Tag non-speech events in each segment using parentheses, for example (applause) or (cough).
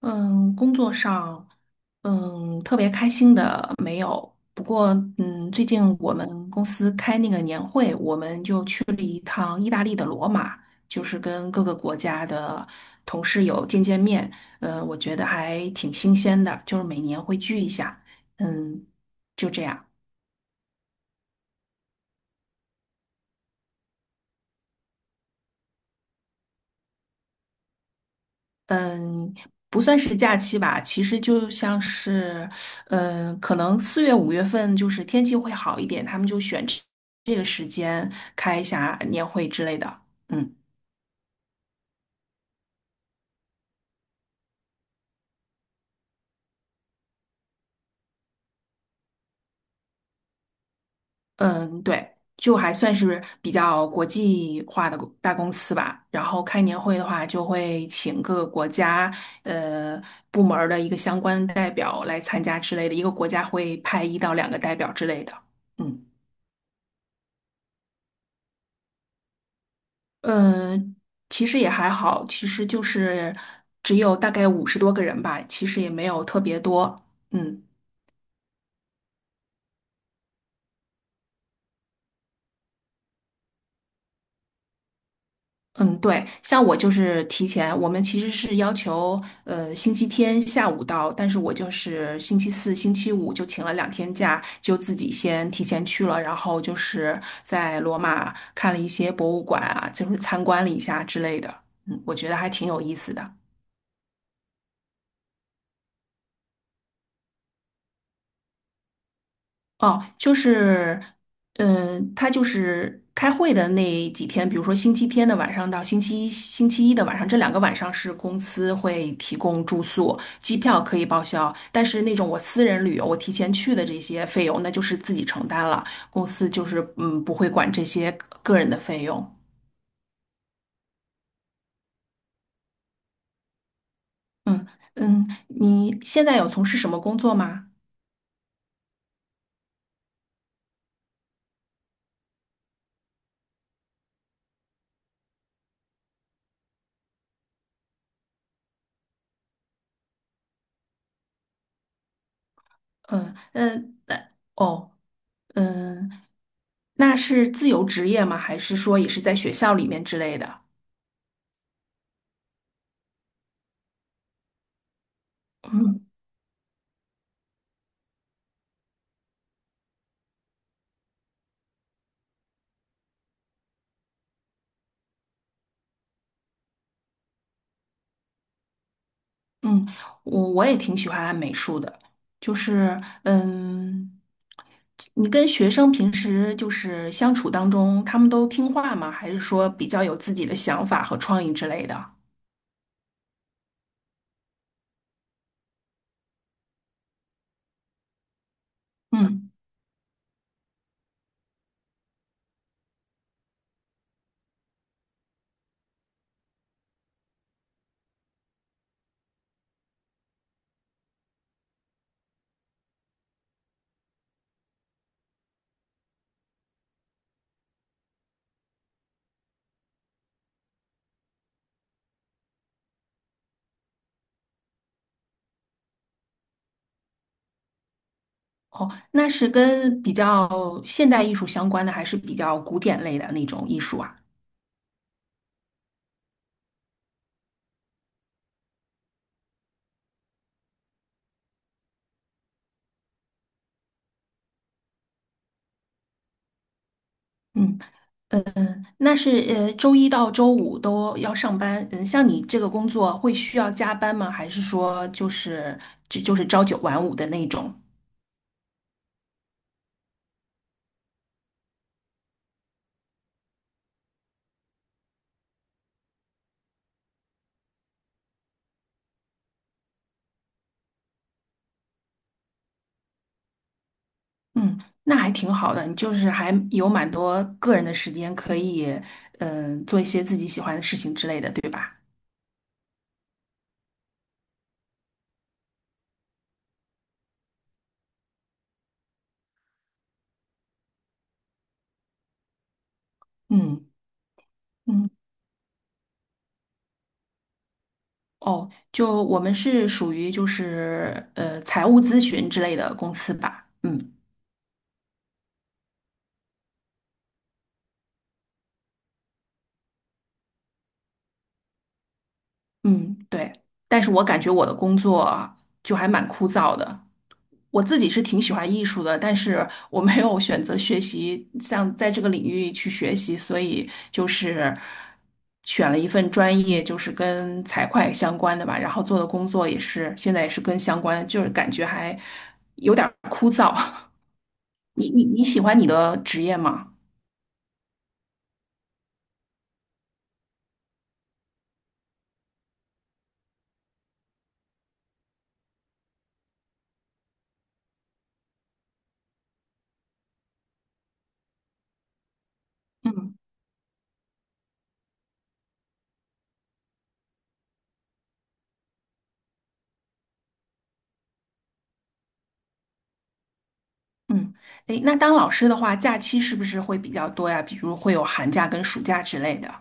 嗯，工作上，特别开心的没有。不过，最近我们公司开那个年会，我们就去了一趟意大利的罗马，就是跟各个国家的同事有见面。我觉得还挺新鲜的，就是每年会聚一下。嗯，就这样。嗯，不算是假期吧，其实就像是，可能四月、五月份就是天气会好一点，他们就选这个时间开一下年会之类的。嗯嗯，对，就还算是比较国际化的公大公司吧。然后开年会的话，就会请各个国家呃部门儿的一个相关代表来参加之类的，一个国家会派一到两个代表之类的。嗯。嗯，其实也还好，其实就是只有大概五十多个人吧，其实也没有特别多。嗯嗯，对，像我就是提前，我们其实是要求星期天下午到，但是我就是星期四、星期五就请了两天假，就自己先提前去了，然后就是在罗马看了一些博物馆啊，就是参观了一下之类的。嗯，我觉得还挺有意思的。哦，就是，他就是开会的那几天，比如说星期天的晚上到星期一、星期一的晚上，这两个晚上是公司会提供住宿，机票可以报销，但是那种我私人旅游，我提前去的这些费用，那就是自己承担了，公司就是不会管这些个人的费用。嗯嗯，你现在有从事什么工作吗？嗯嗯，那哦嗯，那是自由职业吗？还是说也是在学校里面之类的？嗯嗯，我也挺喜欢美术的，就是嗯，你跟学生平时就是相处当中，他们都听话吗？还是说比较有自己的想法和创意之类的？嗯，哦，那是跟比较现代艺术相关的，还是比较古典类的那种艺术啊？嗯，那是周一到周五都要上班。嗯，像你这个工作会需要加班吗？还是说就是就是朝九晚五的那种？嗯，那还挺好的，你就是还有蛮多个人的时间可以，做一些自己喜欢的事情之类的，对吧？嗯嗯，哦，就我们是属于就是财务咨询之类的公司吧，嗯。嗯，对，但是我感觉我的工作就还蛮枯燥的。我自己是挺喜欢艺术的，但是我没有选择学习，像在这个领域去学习，所以就是选了一份专业，就是跟财会相关的吧。然后做的工作也是现在也是跟相关，就是感觉还有点儿枯燥。(laughs) 你喜欢你的职业吗？嗯嗯，诶，那当老师的话，假期是不是会比较多呀？比如会有寒假跟暑假之类的。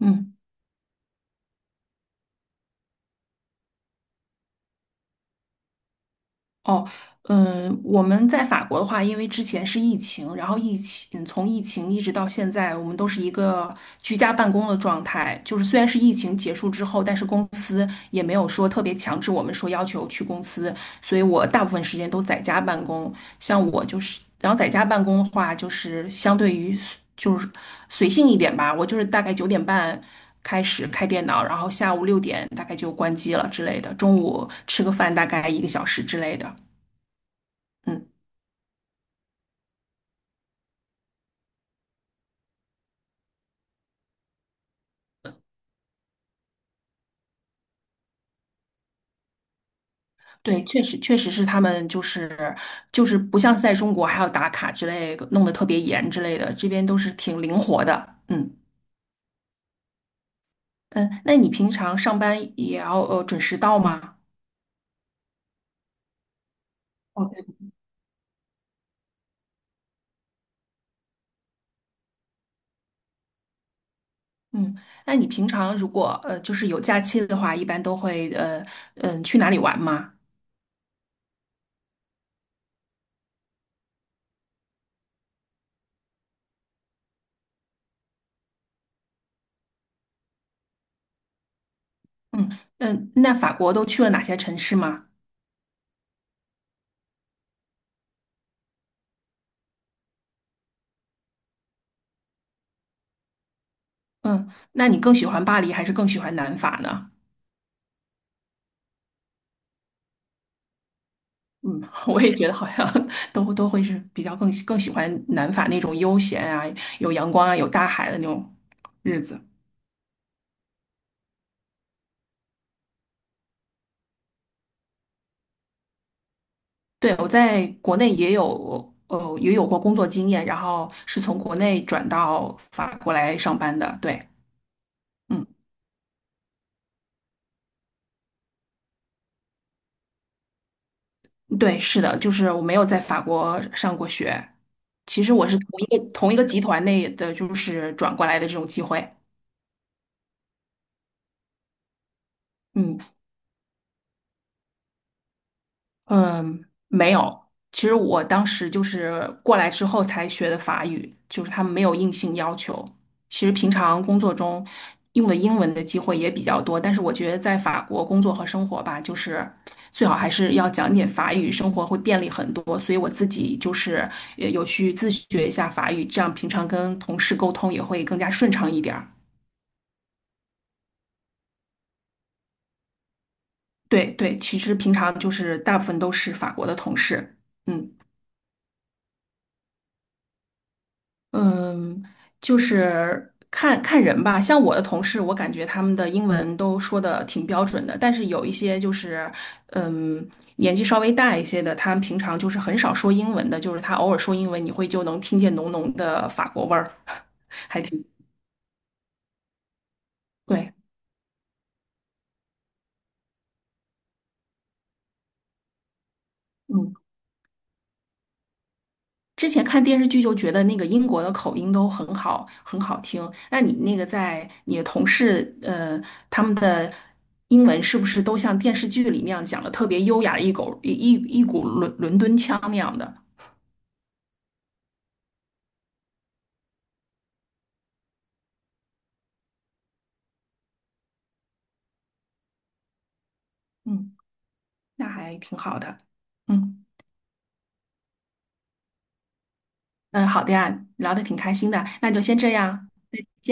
嗯。哦，嗯，我们在法国的话，因为之前是疫情，然后疫情,从疫情一直到现在，我们都是一个居家办公的状态。就是虽然是疫情结束之后，但是公司也没有说特别强制我们说要求去公司，所以我大部分时间都在家办公。像我就是，然后在家办公的话，就是相对于就是随性一点吧，我就是大概九点半。开始开电脑，然后下午六点大概就关机了之类的，中午吃个饭大概一个小时之类的。嗯，对，确实是他们就是不像在中国还要打卡之类的弄得特别严之类的，这边都是挺灵活的。嗯嗯，那你平常上班也要准时到吗？哦，对，嗯，那你平常如果就是有假期的话，一般都会去哪里玩吗？嗯嗯，那法国都去了哪些城市吗？嗯，那你更喜欢巴黎还是更喜欢南法呢？嗯，(laughs) 我也觉得好像 (laughs) 都会是比较更喜欢南法那种悠闲啊，有阳光啊，有大海的那种日子。对，我在国内也有也有过工作经验，然后是从国内转到法国来上班的。对，嗯，对，是的，就是我没有在法国上过学，其实我是同一个集团内的，就是转过来的这种机会。嗯。嗯，没有。其实我当时就是过来之后才学的法语，就是他们没有硬性要求。其实平常工作中用的英文的机会也比较多，但是我觉得在法国工作和生活吧，就是最好还是要讲点法语，生活会便利很多。所以我自己就是也有去自学一下法语，这样平常跟同事沟通也会更加顺畅一点儿。对对，其实平常就是大部分都是法国的同事，嗯。嗯，就是看看人吧。像我的同事，我感觉他们的英文都说的挺标准的，但是有一些就是，嗯，年纪稍微大一些的，他们平常就是很少说英文的，就是他偶尔说英文，你会就能听见浓浓的法国味儿，(laughs) 还挺对。嗯。之前看电视剧就觉得那个英国的口音都很好，很好听。那你那个在你的同事，他们的英文是不是都像电视剧里那样讲的特别优雅的一口一一一股伦敦腔那样的？嗯，那还挺好的。嗯嗯，好的呀，聊得挺开心的，那就先这样。再见。